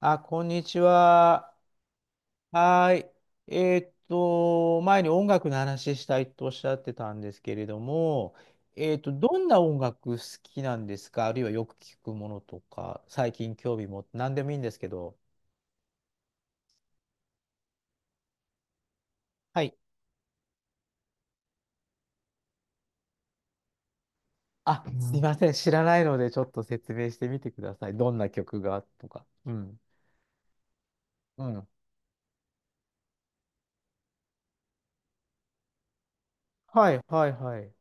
あ、こんにちは。はい。前に音楽の話したいとおっしゃってたんですけれども、どんな音楽好きなんですか？あるいはよく聞くものとか、最近興味持って、何でもいいんですけど。はい。あ、すいません。知らないので、ちょっと説明してみてください。どんな曲がとか。うん。うん。はい、はい、はい。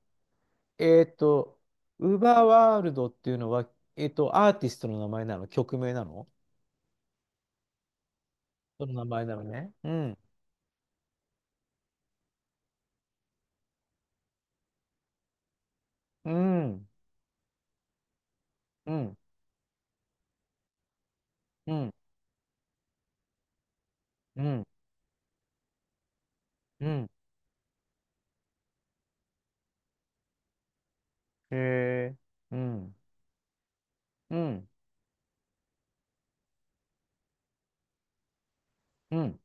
えーっと、ウーバーワールドっていうのは、アーティストの名前なの？曲名なの？その名前なのね。うん。うん、うん、うん、うん、うん、へえ、うん、うん、うん、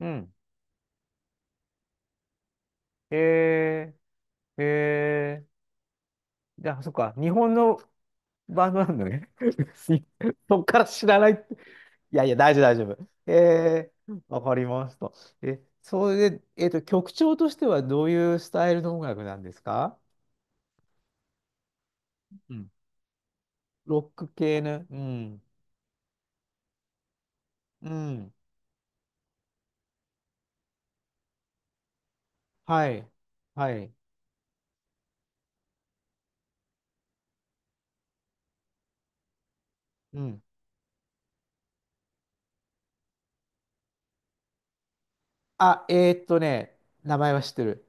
うん、へえ、へえ、じゃあ、そっか、日本のバンドなんだね。しそっから知らないって。いやいや、大丈夫、大丈夫。へえ、わかりました。え、それで、曲調としてはどういうスタイルの音楽なんですか？うん。ロック系の、うん、うん、はい、はい、うん。あ、名前は知ってる。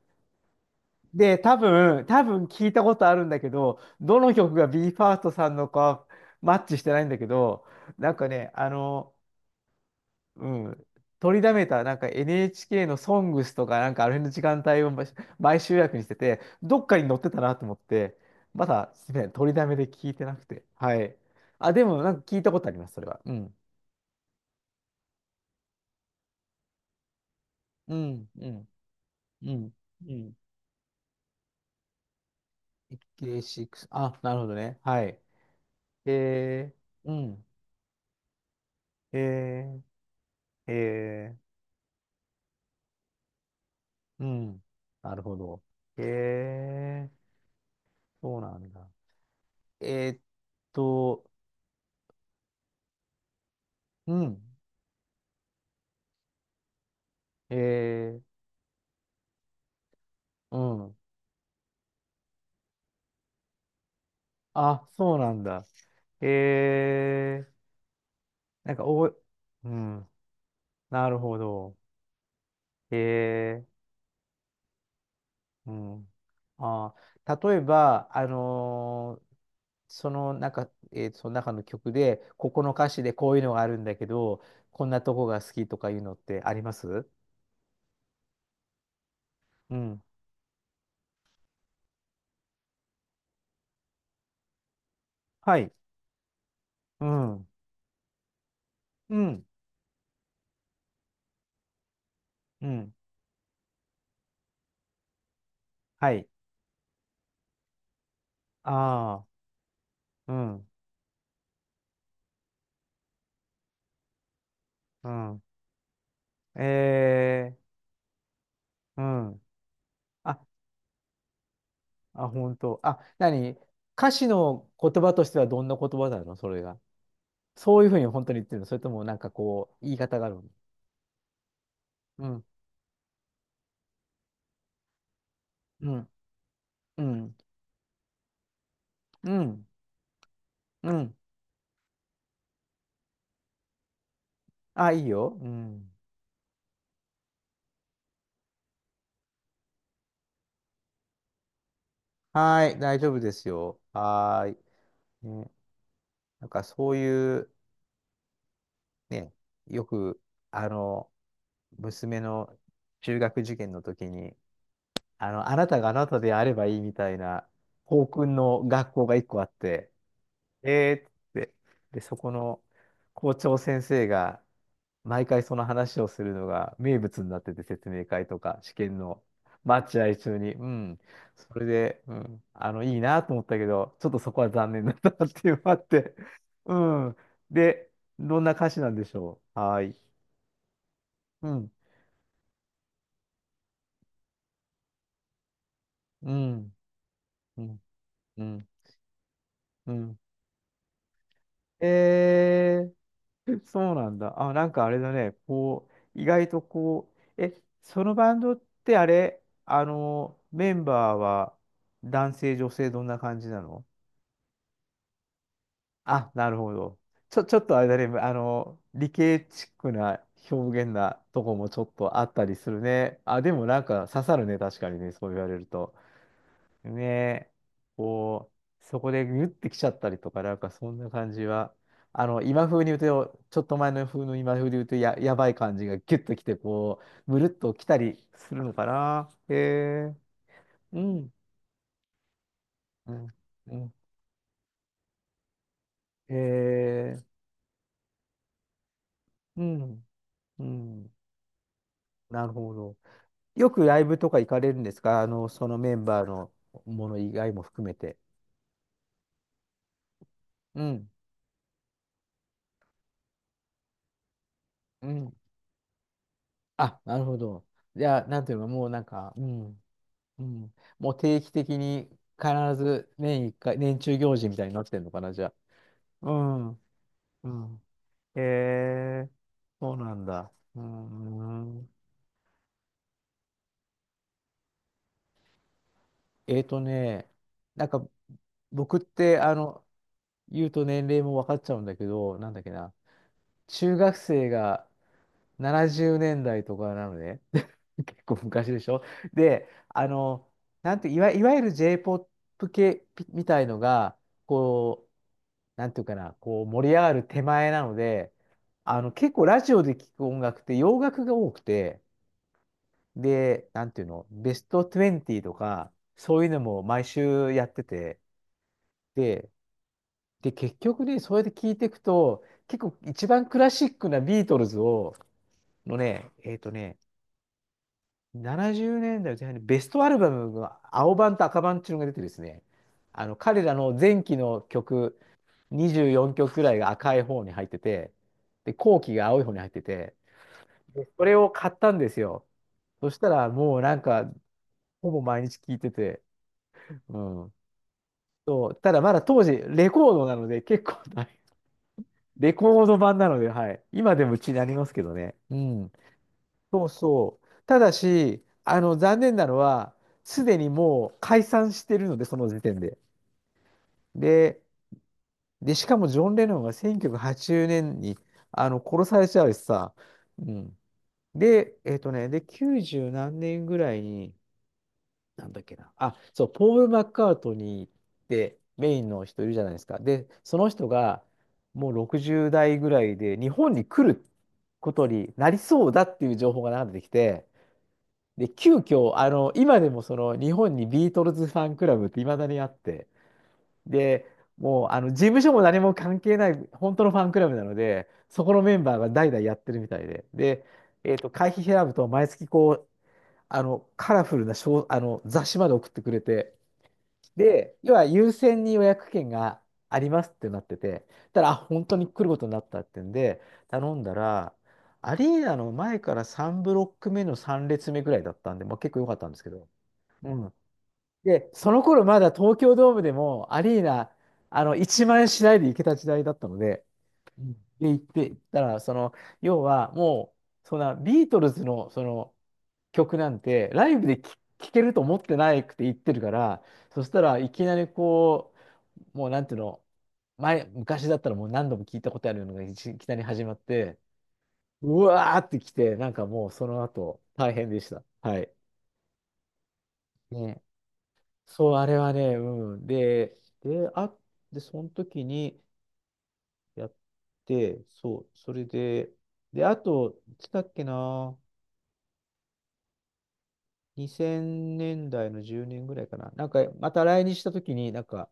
で、多分聞いたことあるんだけど、どの曲が b e f i r s さんのかマッチしてないんだけど、なんかね、うん、取りだめた、なんか NHK のソングスとか、なんかあれの時間帯を毎週約にしてて、どっかに載ってたなと思って、まだ、すみません、取りだめで聞いてなくて。はい。あ、でも、なんか聞いたことあります、それは。うん。うん、うん、うん、うん。6、あ、なるほどね。はい。えー、うん。えー、えーうん。なるほど。へえ、そうなんだ。えーっと、うん。えー、うん。あ、そうなんだ。へえ、なんかお、うん。なるほど。へえ、うん。あ、例えば、その中、えーその中の曲で、ここの歌詞でこういうのがあるんだけど、こんなとこが好きとかいうのってあります？うん。はい。うん。うん。うん。はい。ああ、うん、うん。ええうん。あ、あ、本当。あ、歌詞の言葉としてはどんな言葉なの？それが。そういうふうに本当に言ってるの？それともなんかこう、言い方があるの？うん、うん、うん、うん、うん。あ、いいよ。うん。はーい、大丈夫ですよ。はーい。ね、なんかそういう、ね、よく、あの、娘の中学受験の時に、あなたがあなたであればいいみたいな、校訓の学校が一個あって、えーっつって、で、そこの校長先生が毎回その話をするのが名物になってて、説明会とか試験の待合中に、うん、それで、うん、いいなと思ったけど、ちょっとそこは残念だったなっていうのがあって、うん。で、どんな歌詞なんでしょう。はーい。うん、うん、うん、うん、うん。えー そうなんだ。あ、なんかあれだね。こう、意外とこう、え、そのバンドってあれ、メンバーは男性、女性どんな感じなの？あ、なるほど。ちょっとあれだね。理系チックな表現なとこもちょっとあったりするね。あ、でもなんか刺さるね。確かにね。そう言われると。ねえ、こう、そこでギュッてきちゃったりとか、なんかそんな感じは、今風に言うと、ちょっと前の風の今風で言うとやばい感じがギュッときて、こう、むるっときたりするのかな。へえ、うん、うん、うん、へえ、うん、うん、なるほど。よくライブとか行かれるんですか？そのメンバーのもの以外も含めて。うん、うん。あ、なるほど。じゃあ、なんていうか、もうなんか、うん。うん。もう定期的に必ず年一回、年中行事みたいになってんのかな、じゃあ。うん。うん。へえ、そうなんだ。うん。えーとね、なんか、僕って、言うと年齢も分かっちゃうんだけど、なんだっけな。中学生が70年代とかなのね。結構昔でしょ？で、なんて、いわゆる J-POP 系みたいのが、こう、なんていうかな、こう盛り上がる手前なので、結構ラジオで聞く音楽って洋楽が多くて、で、なんていうの、ベスト20とか、そういうのも毎週やってて、で、で、結局ね、そうやって聞いていくと、結構一番クラシックなビートルズを、のね、70年代前半にベストアルバムが青版と赤版っていうのが出てですね、彼らの前期の曲、24曲くらいが赤い方に入ってて、で、後期が青い方に入ってて、でそれを買ったんですよ。そしたらもうなんか、ほぼ毎日聴いてて、うん。そう、ただまだ当時、レコードなので結構大変、レコード版なので、はい。今でもうちになりますけどね。うん。そうそう。ただし、残念なのは、すでにもう解散してるので、その時点で。で、で、しかもジョン・レノンが1980年に殺されちゃうしさ、うん。で、で、90何年ぐらいに、なんだっけな、あ、そう、ポール・マッカートニーってメインの人いるじゃないですか。で、その人がもう60代ぐらいで日本に来ることになりそうだっていう情報が流れてきて、で、急遽、今でもその日本にビートルズファンクラブっていまだにあって、で、もうあの事務所も何も関係ない、本当のファンクラブなので、そこのメンバーが代々やってるみたいで、で、会費選ぶと毎月こう、あのカラフルなショー、あの雑誌まで送ってくれて、で、要は優先に予約券がありますってなってて、あ、本当に来ることになったってんで、頼んだら、アリーナの前から3ブロック目の3列目ぐらいだったんで、まあ、結構良かったんですけど、うん。で、その頃まだ東京ドームでもアリーナ、1万円しないで行けた時代だったので、うん。で、行って、行ったら、その、要はもう、そんなビートルズのその曲なんて、ライブで聴けると思ってないくて行ってるから、そしたらいきなりこう、もうなんていうの、昔だったらもう何度も聞いたことあるのがいきなり始まって、うわーってきて、なんかもうその後、大変でした。はい。ね。そう、あれはね、うん。で、あ、で、その時にやって、そう、それで、で、あと、いつだっけな、2000年代の10年ぐらいかな、なんか、また来日した時に、なんか、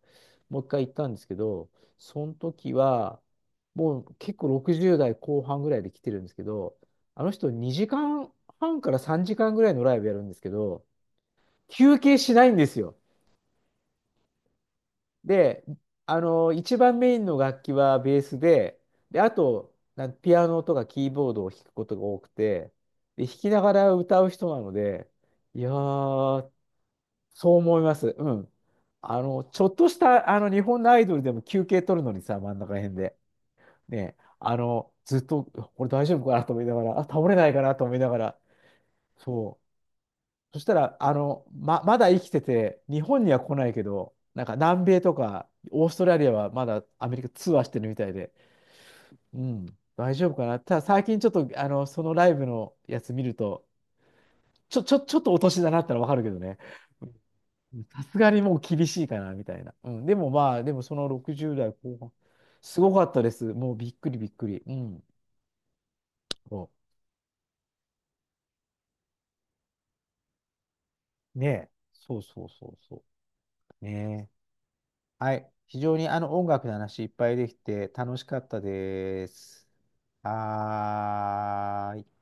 もう一回行ったんですけど、その時は、もう結構60代後半ぐらいで来てるんですけど、あの人2時間半から3時間ぐらいのライブやるんですけど、休憩しないんですよ。で、一番メインの楽器はベースで、で、あと、ピアノとかキーボードを弾くことが多くて、で、弾きながら歌う人なので、いやー、そう思います。うん。ちょっとした、日本のアイドルでも休憩取るのにさ、真ん中辺で。ね、ずっと、これ大丈夫かなと思いながら、あ、倒れないかなと思いながら、そう。そしたら、まだ生きてて、日本には来ないけど、なんか南米とかオーストラリアはまだアメリカツアーしてるみたいで、うん、大丈夫かな。ただ最近ちょっと、そのライブのやつ見ると、ちょっとお年だなったらわかるけどね。さすがにもう厳しいかな、みたいな。うん、でもまあ、でもその60代後半、すごかったです。もうびっくりびっくり。うん。そうねえ。そうそうそうそう。ねえ。はい。非常にあの音楽の話いっぱいできて楽しかったです。はーい。